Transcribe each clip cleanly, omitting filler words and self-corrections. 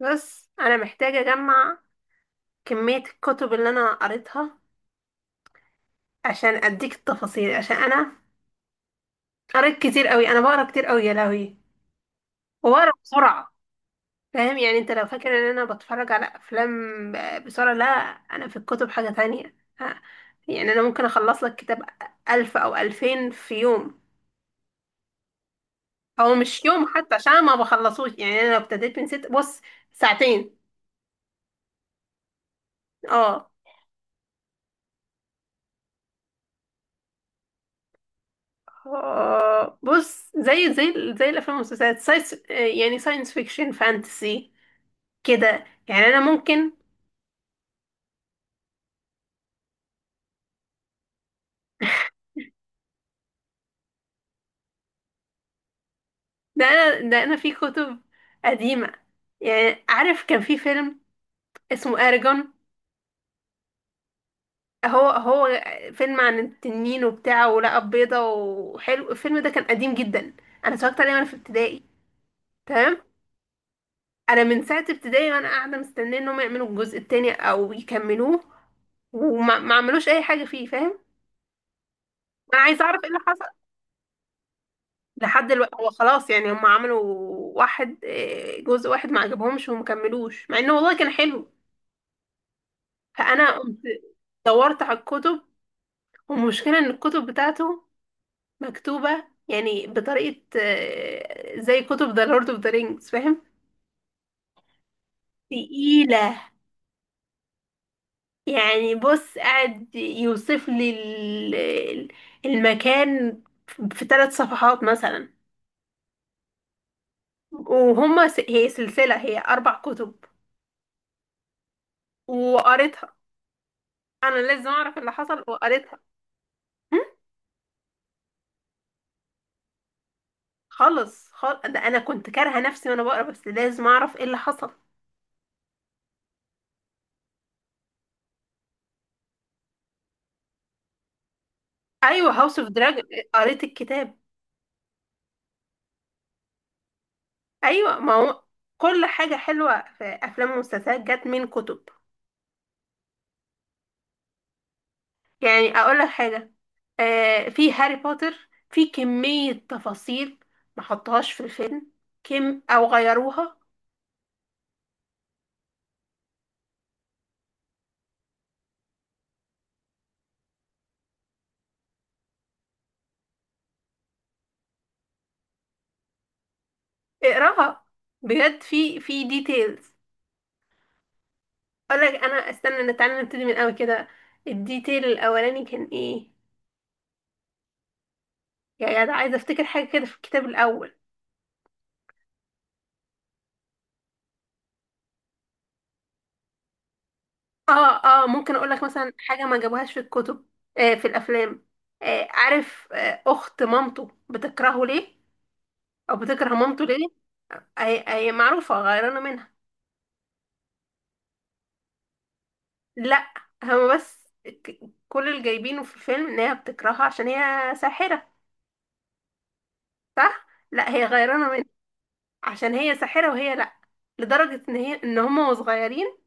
بس انا محتاجة اجمع كمية الكتب اللي انا قريتها عشان اديك التفاصيل. عشان انا قريت كتير قوي، انا بقرا كتير قوي يا لهوي وبقرا بسرعة. فاهم، يعني انت لو فاكر ان انا بتفرج على افلام بسرعة، لا. انا في الكتب حاجة تانية ها، يعني انا ممكن اخلص لك كتاب 1000 او 2000 في يوم. او مش يوم حتى عشان ما بخلصوش، يعني انا لو ابتديت من ست، بص، ساعتين. اه. بص، زي الافلام والمسلسلات ساينس، يعني ساينس فيكشن فانتسي كده. يعني انا ممكن، ده انا في كتب قديمه. يعني عارف كان في فيلم اسمه ارجون، هو هو فيلم عن التنين وبتاع، ولقى بيضه، وحلو الفيلم ده، كان قديم جدا. انا اتفرجت عليه وانا في ابتدائي. تمام. انا من ساعه ابتدائي وانا قاعده مستنيه انهم يعملوا الجزء التاني او يكملوه، وما ما عملوش اي حاجه فيه، فاهم. انا عايزه اعرف ايه اللي حصل. لحد دلوقتي هو خلاص، يعني هم عملوا واحد، جزء واحد ما عجبهمش وما كملوش، مع انه والله كان حلو. فانا قمت دورت على الكتب. والمشكله ان الكتب بتاعته مكتوبه يعني بطريقه زي كتب ذا لورد اوف ذا رينجز، فاهم. تقيله. يعني بص، قاعد يوصف لي المكان في 3 صفحات مثلا. هي سلسله، هي 4 كتب، وقريتها. انا لازم اعرف اللي حصل وقريتها. هم؟ خالص خالص، ده انا كنت كارهه نفسي وانا بقرا، بس لازم اعرف ايه اللي حصل. ايوه، هاوس اوف دراجون، قريت الكتاب. ايوه ما هو، كل حاجه حلوه في افلام ومسلسلات جت من كتب. يعني اقول لك حاجه، في هاري بوتر في كميه تفاصيل ما حطهاش في الفيلم، كم او غيروها. اقراها، بجد، في في ديتيلز. اقول لك انا، استنى، تعالى نبتدي من الاول كده، الديتيل الاولاني كان ايه؟ يا جدع، عايزه افتكر حاجه كده في الكتاب الاول. اه، اه ممكن اقول لك مثلا حاجه ما جابوهاش في الكتب، في الافلام. عارف، اخت مامته بتكرهه ليه؟ او بتكره مامته ليه؟ هي هي معروفه غيرانه منها. لا، هما بس، ك- كل اللي جايبينه في الفيلم ان هي بتكرهها عشان هي ساحره. صح. لا، هي غيرانه منها عشان هي ساحره وهي لا، لدرجه ان هي ان هما وصغيرين،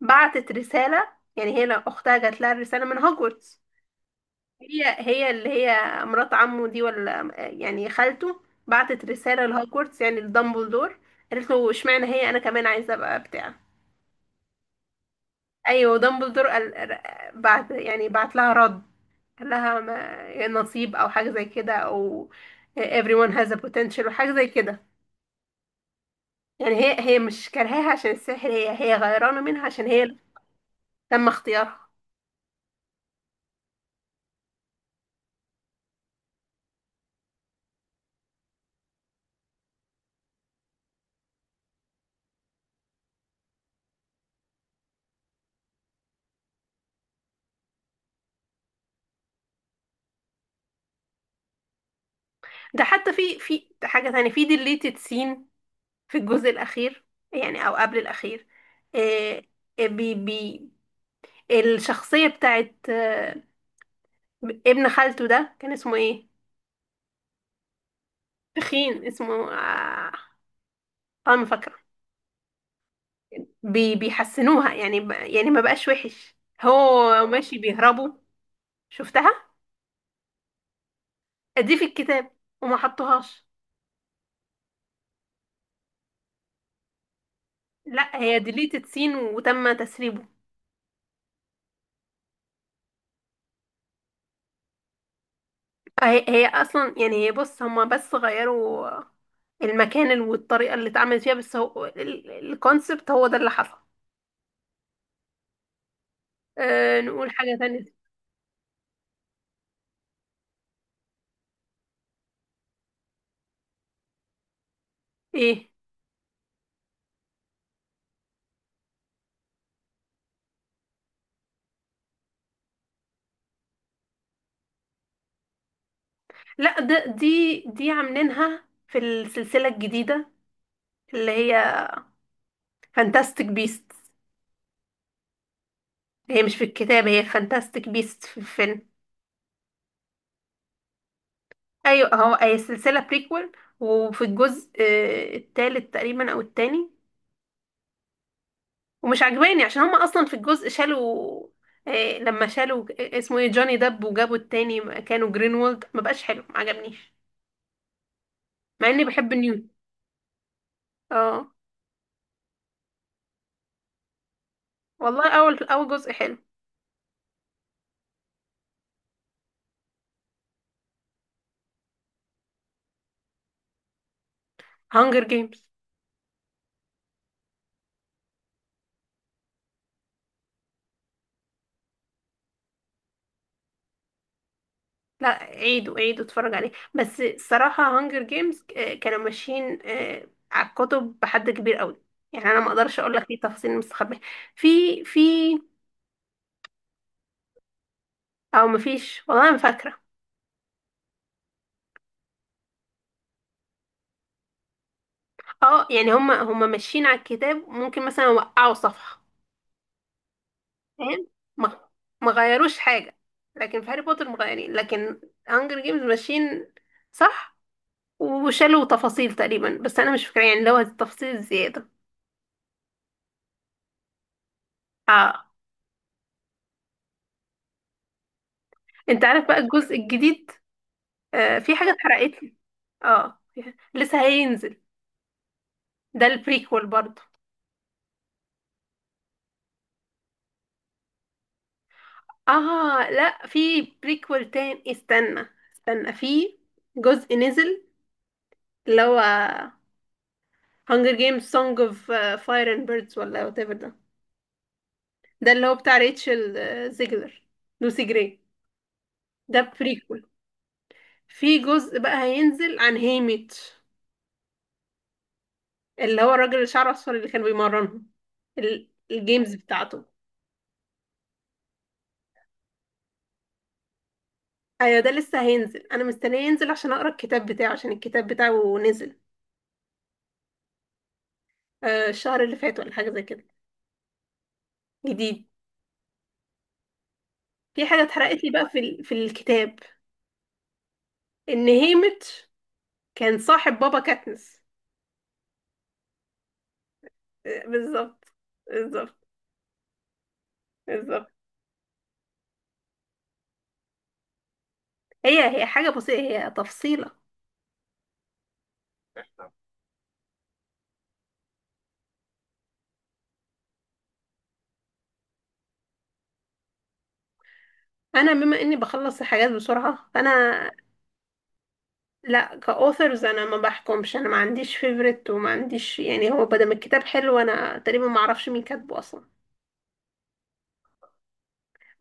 بعتت رساله، يعني هي لو اختها جات لها رساله من هوجورتس. هي هي اللي هي مرات عمه دي، ولا يعني خالته، بعتت رسالة لهوجورتس، يعني لدامبلدور. قالت له اشمعنى هي، انا كمان عايزة ابقى بتاع. ايوه دامبلدور قال بعت، يعني بعت لها رد. قال لها نصيب او حاجة زي كده، او everyone has a potential، وحاجة زي كده. يعني هي هي مش كارهاها عشان السحر، هي هي غيرانة منها عشان هي اللي تم اختيارها. ده حتى في في حاجة تانية في deleted scene في الجزء الأخير، يعني أو قبل الأخير. آه، آه، بي بي الشخصية بتاعت ابن خالته ده كان اسمه ايه؟ تخين اسمه اه. ما فاكرة. بيحسنوها يعني، يعني ما بقاش وحش، هو ماشي بيهربوا. شفتها؟ دي في الكتاب وما حطوهاش. لا، هي ديليتد سين وتم تسريبه. هي هي اصلا، يعني هي، بص، هما بس غيروا المكان والطريقه اللي اتعملت فيها، بس هو الكونسبت هو ده اللي حصل. أه، نقول حاجه تانية. ايه، لا ده دي عاملينها في السلسله الجديده اللي هي فانتاستيك بيست. هي مش في الكتاب، هي فانتاستيك بيست في الفيلم. ايوه هو، هي سلسله بريكول. وفي الجزء التالت تقريبا او التاني، ومش عجباني عشان هما اصلا في الجزء شالوا، لما شالوا اسمه ايه، جوني دب، وجابوا التاني مكانه جرينولد، ما بقاش حلو، ما عجبنيش. مع اني بحب نيوت. اه والله اول اول جزء حلو. هانجر جيمز. لا عيدوا عيدوا اتفرج عليه، بس الصراحة هانجر جيمز كانوا ماشيين على الكتب بحد كبير قوي. يعني انا ما اقدرش اقول لك ايه تفاصيل مستخبية في في، او مفيش والله، انا فاكرة. اه، يعني هما ماشيين على الكتاب، ممكن مثلا وقعوا صفحة، فاهم، ما ما غيروش حاجة. لكن في هاري بوتر مغيرين، لكن هانجر جيمز ماشيين. صح. وشالوا تفاصيل تقريبا بس انا مش فاكره، يعني لو هذه التفاصيل الزياده. اه. انت عارف بقى الجزء الجديد؟ في حاجه اتحرقت لي. اه، لسه هينزل، ده البريكول برضه. اه لا، في بريكول تاني. استنى استنى، في جزء نزل اللي هو هانجر جيمز سونج اوف فاير اند بيردز، ولا وات ايفر ده. ده اللي هو بتاع ريتشل زيجلر، لوسي جراي، ده بريكول. في جزء بقى هينزل عن هيميتش، اللي هو الراجل اللي شعره اصفر اللي كان بيمرنهم الجيمز بتاعته. ايوه، ده لسه هينزل، انا مستنيه ينزل عشان اقرا الكتاب بتاعه. عشان الكتاب بتاعه نزل الشهر اللي فات ولا حاجه زي كده. جديد. في حاجه اتحرقت لي بقى في في الكتاب، ان هيميتش كان صاحب بابا كاتنس. بالظبط. بالظبط. بالظبط. هي هي حاجه بسيطه، هي تفصيله. انا بما اني بخلص الحاجات بسرعه فانا، لا كاوثرز انا ما بحكمش، انا ما عنديش فيفرت وما عنديش، يعني هو بدل ما الكتاب حلو انا تقريبا ما اعرفش مين كاتبه اصلا.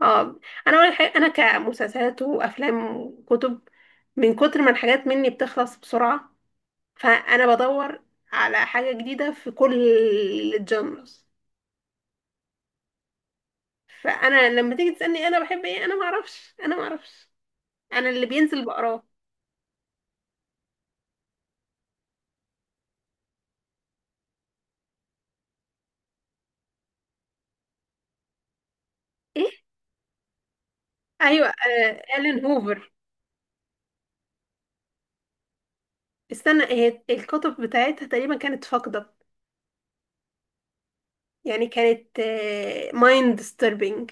اه. انا اول حاجه انا كمسلسلات وافلام وكتب، من كتر ما الحاجات مني بتخلص بسرعه فانا بدور على حاجه جديده في كل الجانرز. فانا لما تيجي تسالني انا بحب ايه، انا ما اعرفش، انا اللي بينزل بقراه. ايه. ايوه، الين هوفر. استنى، هي الكتب بتاعتها تقريبا كانت فاقدة. يعني كانت مايند disturbing.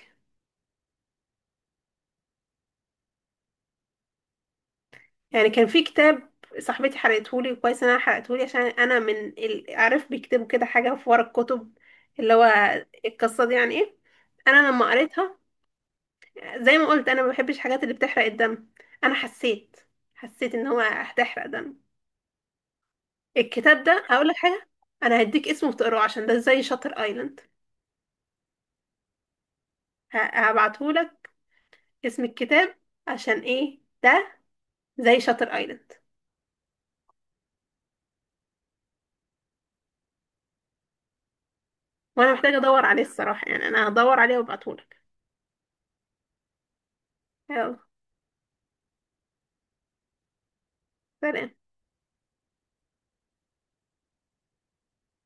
يعني كان في كتاب، صاحبتي حرقتهولي، كويس ان انا حرقتهولي عشان انا من عارف بيكتبوا كده حاجة في ورا الكتب، اللي هو القصة دي يعني ايه. انا لما قريتها، زي ما قلت انا ما بحبش الحاجات اللي بتحرق الدم، انا حسيت، ان هو هتحرق دم. الكتاب ده، هقول لك حاجة، انا هديك اسمه وتقراه عشان ده زي شاتر ايلاند. هبعتهولك اسم الكتاب، عشان ايه ده؟ زي شاتر ايلاند. وانا محتاجة ادور عليه الصراحة، يعني انا هدور عليه وابعتهولك. يلا سلام.